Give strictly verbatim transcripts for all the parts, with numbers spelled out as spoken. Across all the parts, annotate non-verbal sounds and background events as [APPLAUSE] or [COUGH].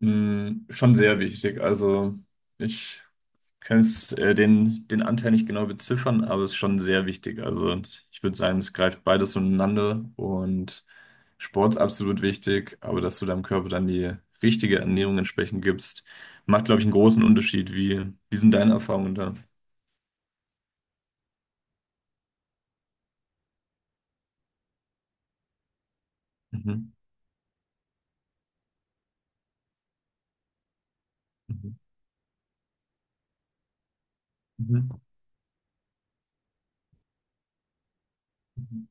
Mm, schon sehr wichtig. Also ich kann es äh, den, den Anteil nicht genau beziffern, aber es ist schon sehr wichtig. Also ich würde sagen, es greift beides ineinander und Sport ist absolut wichtig, aber dass du deinem Körper dann die richtige Ernährung entsprechend gibst, macht, glaube ich, einen großen Unterschied. Wie, wie sind deine Erfahrungen da? Mhm. Mhm. Mhm. Mhm.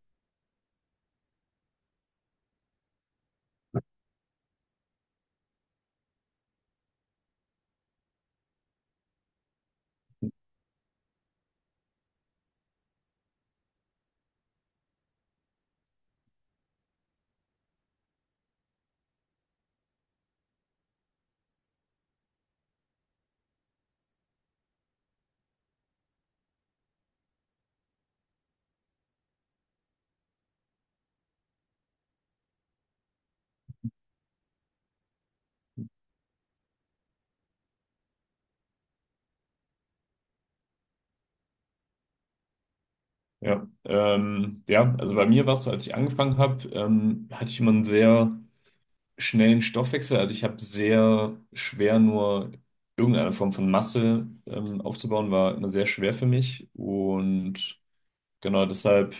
Ja, ähm, ja, also bei mir war es so, als ich angefangen habe, ähm, hatte ich immer einen sehr schnellen Stoffwechsel. Also ich habe sehr schwer nur irgendeine Form von Masse ähm, aufzubauen, war immer sehr schwer für mich. Und genau deshalb,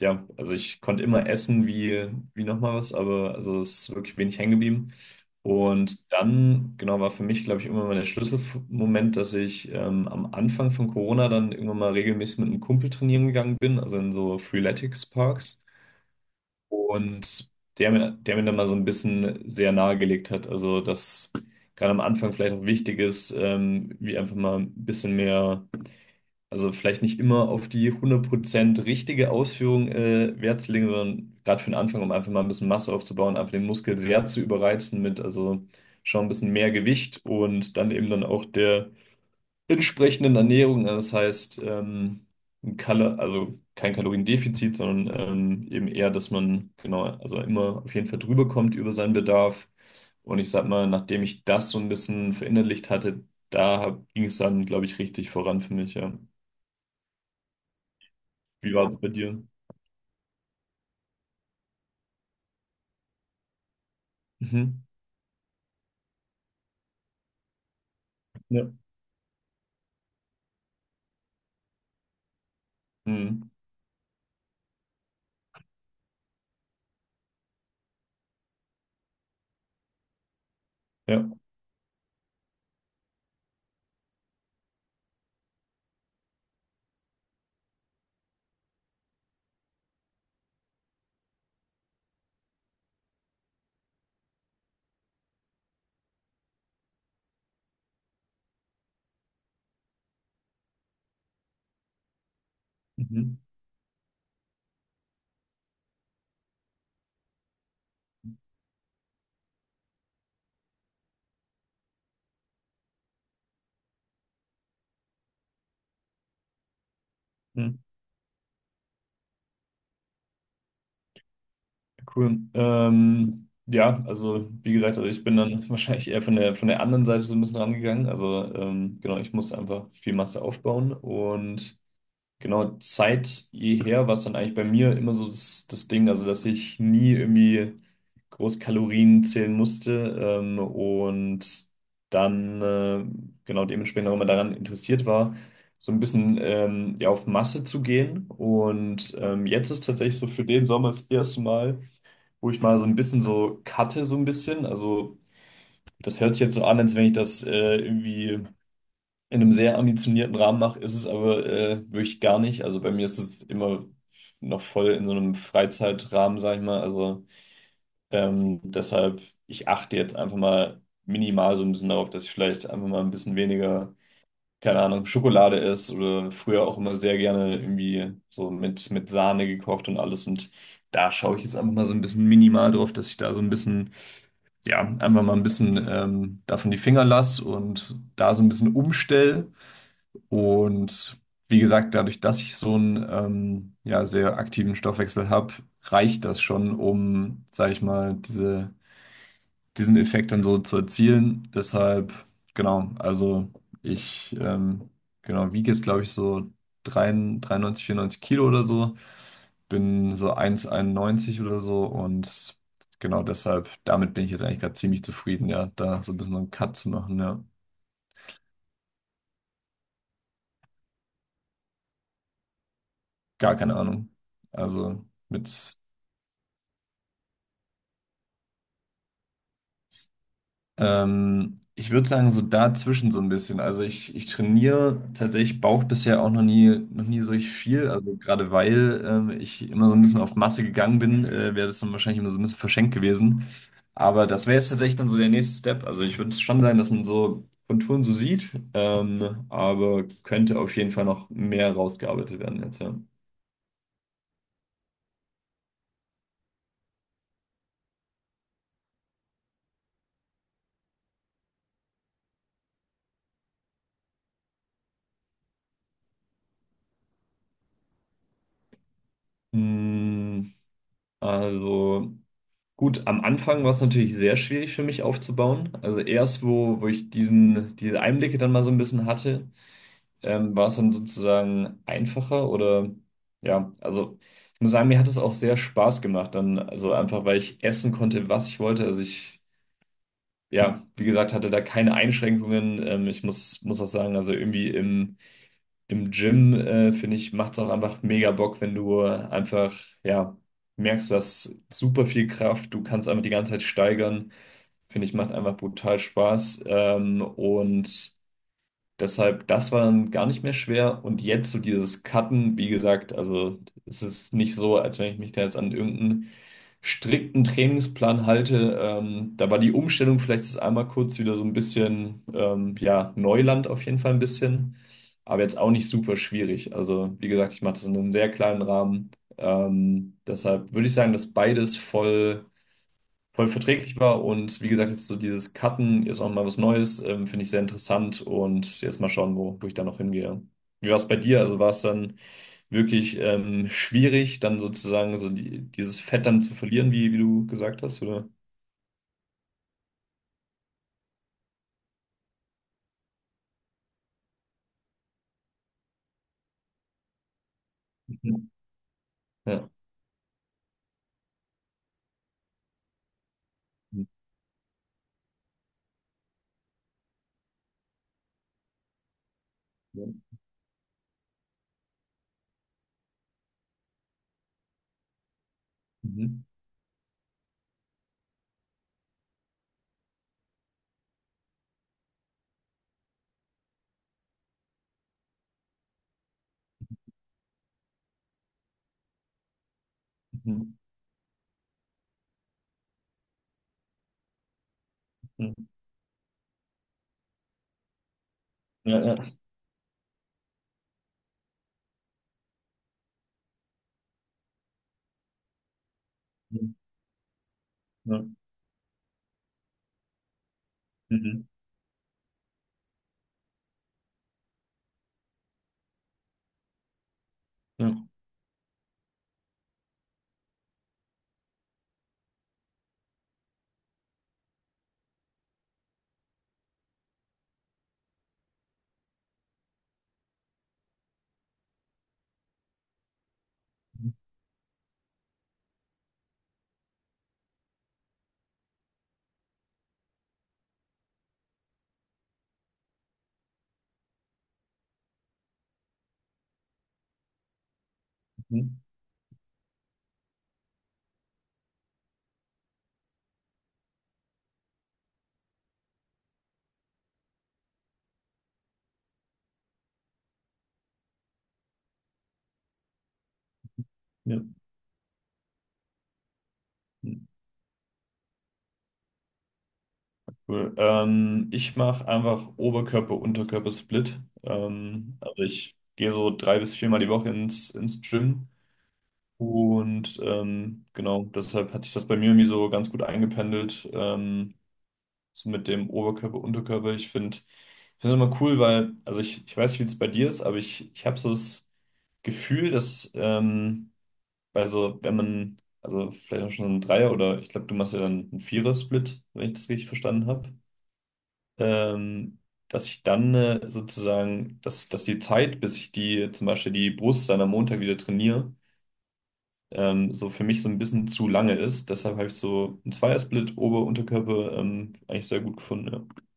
ja, also ich konnte immer essen wie, wie nochmal was, aber also es ist wirklich wenig hängen geblieben. Und dann, genau, war für mich, glaube ich, irgendwann mal der Schlüsselmoment, dass ich ähm, am Anfang von Corona dann irgendwann mal regelmäßig mit einem Kumpel trainieren gegangen bin, also in so Freeletics-Parks. Und der mir, der mir dann mal so ein bisschen sehr nahegelegt hat, also dass gerade am Anfang vielleicht auch wichtig ist, ähm, wie einfach mal ein bisschen mehr, also vielleicht nicht immer auf die hundert Prozent richtige Ausführung äh, Wert zu legen, sondern gerade für den Anfang, um einfach mal ein bisschen Masse aufzubauen, einfach den Muskel sehr zu überreizen mit, also schon ein bisschen mehr Gewicht und dann eben dann auch der entsprechenden Ernährung. Also, Das heißt, ähm, ein Kal also kein Kaloriendefizit, sondern ähm, eben eher, dass man genau, also immer auf jeden Fall drüber kommt über seinen Bedarf. Und ich sag mal, nachdem ich das so ein bisschen verinnerlicht hatte, da ging es dann, glaube ich, richtig voran für mich, ja. Wie war es bei dir? Mhm. Ja. Mhm. Ja. Mhm. Mhm. Cool. Ähm, ja, also wie gesagt, also ich bin dann [LAUGHS] wahrscheinlich eher von der von der anderen Seite so ein bisschen rangegangen. Also ähm, genau, ich musste einfach viel Masse aufbauen und genau seit jeher war es dann eigentlich bei mir immer so das, das Ding, also dass ich nie irgendwie groß Kalorien zählen musste, ähm, und dann äh, genau dementsprechend auch immer daran interessiert war so ein bisschen ähm, ja, auf Masse zu gehen. Und ähm, jetzt ist tatsächlich so für den Sommer das erste Mal, wo ich mal so ein bisschen so cutte, so ein bisschen. Also das hört sich jetzt so an, als wenn ich das äh, irgendwie in einem sehr ambitionierten Rahmen mache, ist es aber äh, wirklich gar nicht. Also bei mir ist es immer noch voll in so einem Freizeitrahmen, sag ich mal. Also ähm, deshalb, ich achte jetzt einfach mal minimal so ein bisschen darauf, dass ich vielleicht einfach mal ein bisschen weniger, keine Ahnung, Schokolade esse oder früher auch immer sehr gerne irgendwie so mit, mit Sahne gekocht und alles. Und da schaue ich jetzt einfach mal so ein bisschen minimal drauf, dass ich da so ein bisschen ja, einfach mal ein bisschen ähm, davon die Finger lass und da so ein bisschen umstell. Und wie gesagt, dadurch, dass ich so einen ähm, ja, sehr aktiven Stoffwechsel habe, reicht das schon, um, sage ich mal, diese, diesen Effekt dann so zu erzielen. Deshalb, genau, also ich ähm, genau, wiege jetzt, glaube ich, so dreiundneunzig, vierundneunzig Kilo oder so, bin so eins Komma einundneunzig oder so und genau deshalb, damit bin ich jetzt eigentlich gerade ziemlich zufrieden, ja, da so ein bisschen so einen Cut zu machen, ja. Gar keine Ahnung. Also mit. Ähm, ich würde sagen, so dazwischen so ein bisschen. Also ich, ich trainiere tatsächlich Bauch bisher auch noch nie, noch nie so richtig viel. Also gerade weil ähm, ich immer so ein bisschen auf Masse gegangen bin, äh, wäre das dann wahrscheinlich immer so ein bisschen verschenkt gewesen. Aber das wäre jetzt tatsächlich dann so der nächste Step. Also ich würde schon sagen, dass man so Konturen so sieht, ähm, aber könnte auf jeden Fall noch mehr rausgearbeitet werden jetzt, ja. Mm, Also. Gut, am Anfang war es natürlich sehr schwierig für mich aufzubauen. Also erst, wo, wo ich diesen, diese Einblicke dann mal so ein bisschen hatte, ähm, war es dann sozusagen einfacher oder ja, also ich muss sagen, mir hat es auch sehr Spaß gemacht dann, also einfach, weil ich essen konnte, was ich wollte. Also ich, ja, wie gesagt, hatte da keine Einschränkungen. Ähm, ich muss, muss auch sagen, also irgendwie im, im Gym, äh, finde ich, macht es auch einfach mega Bock, wenn du einfach, ja, merkst, du hast super viel Kraft, du kannst einfach die ganze Zeit steigern. Finde ich, macht einfach brutal Spaß. Ähm, und deshalb, das war dann gar nicht mehr schwer. Und jetzt so dieses Cutten, wie gesagt, also es ist nicht so, als wenn ich mich da jetzt an irgendeinen strikten Trainingsplan halte. Ähm, da war die Umstellung vielleicht jetzt einmal kurz wieder so ein bisschen, ähm, ja, Neuland auf jeden Fall ein bisschen. Aber jetzt auch nicht super schwierig. Also, wie gesagt, ich mache das in einem sehr kleinen Rahmen. Ähm, deshalb würde ich sagen, dass beides voll voll verträglich war. Und wie gesagt, jetzt so dieses Cutten, jetzt auch mal was Neues, ähm, finde ich sehr interessant. Und jetzt mal schauen, wo, wo ich da noch hingehe. Wie war es bei dir? Also war es dann wirklich ähm, schwierig, dann sozusagen so die, dieses Fett dann zu verlieren, wie, wie du gesagt hast, oder? Mhm. Ja. Mhm. Mhm. Mhm. Ja, ja. Mhm. Ja. Mhm. Mhm. Ja. Mhm. Ja. Mhm. Cool. Ähm, ich mache einfach Oberkörper-Unterkörper-Split. Ähm, also ich gehe so drei bis viermal die Woche ins, ins Gym. Und ähm, genau, deshalb hat sich das bei mir irgendwie so ganz gut eingependelt, ähm, so mit dem Oberkörper-Unterkörper. Ich finde ich finde es immer cool, weil, also ich, ich weiß nicht, wie es bei dir ist, aber ich, ich habe so das Gefühl, dass ähm, bei so, wenn man, also vielleicht auch schon so ein Dreier oder ich glaube, du machst ja dann einen Vierer-Split, wenn ich das richtig verstanden habe, ähm, dass ich dann äh, sozusagen, dass, dass die Zeit, bis ich die zum Beispiel die Brust dann am Montag wieder trainiere, ähm, so für mich so ein bisschen zu lange ist. Deshalb habe ich so einen Zweiersplit Ober-Unterkörper ähm, eigentlich sehr gut gefunden. ja.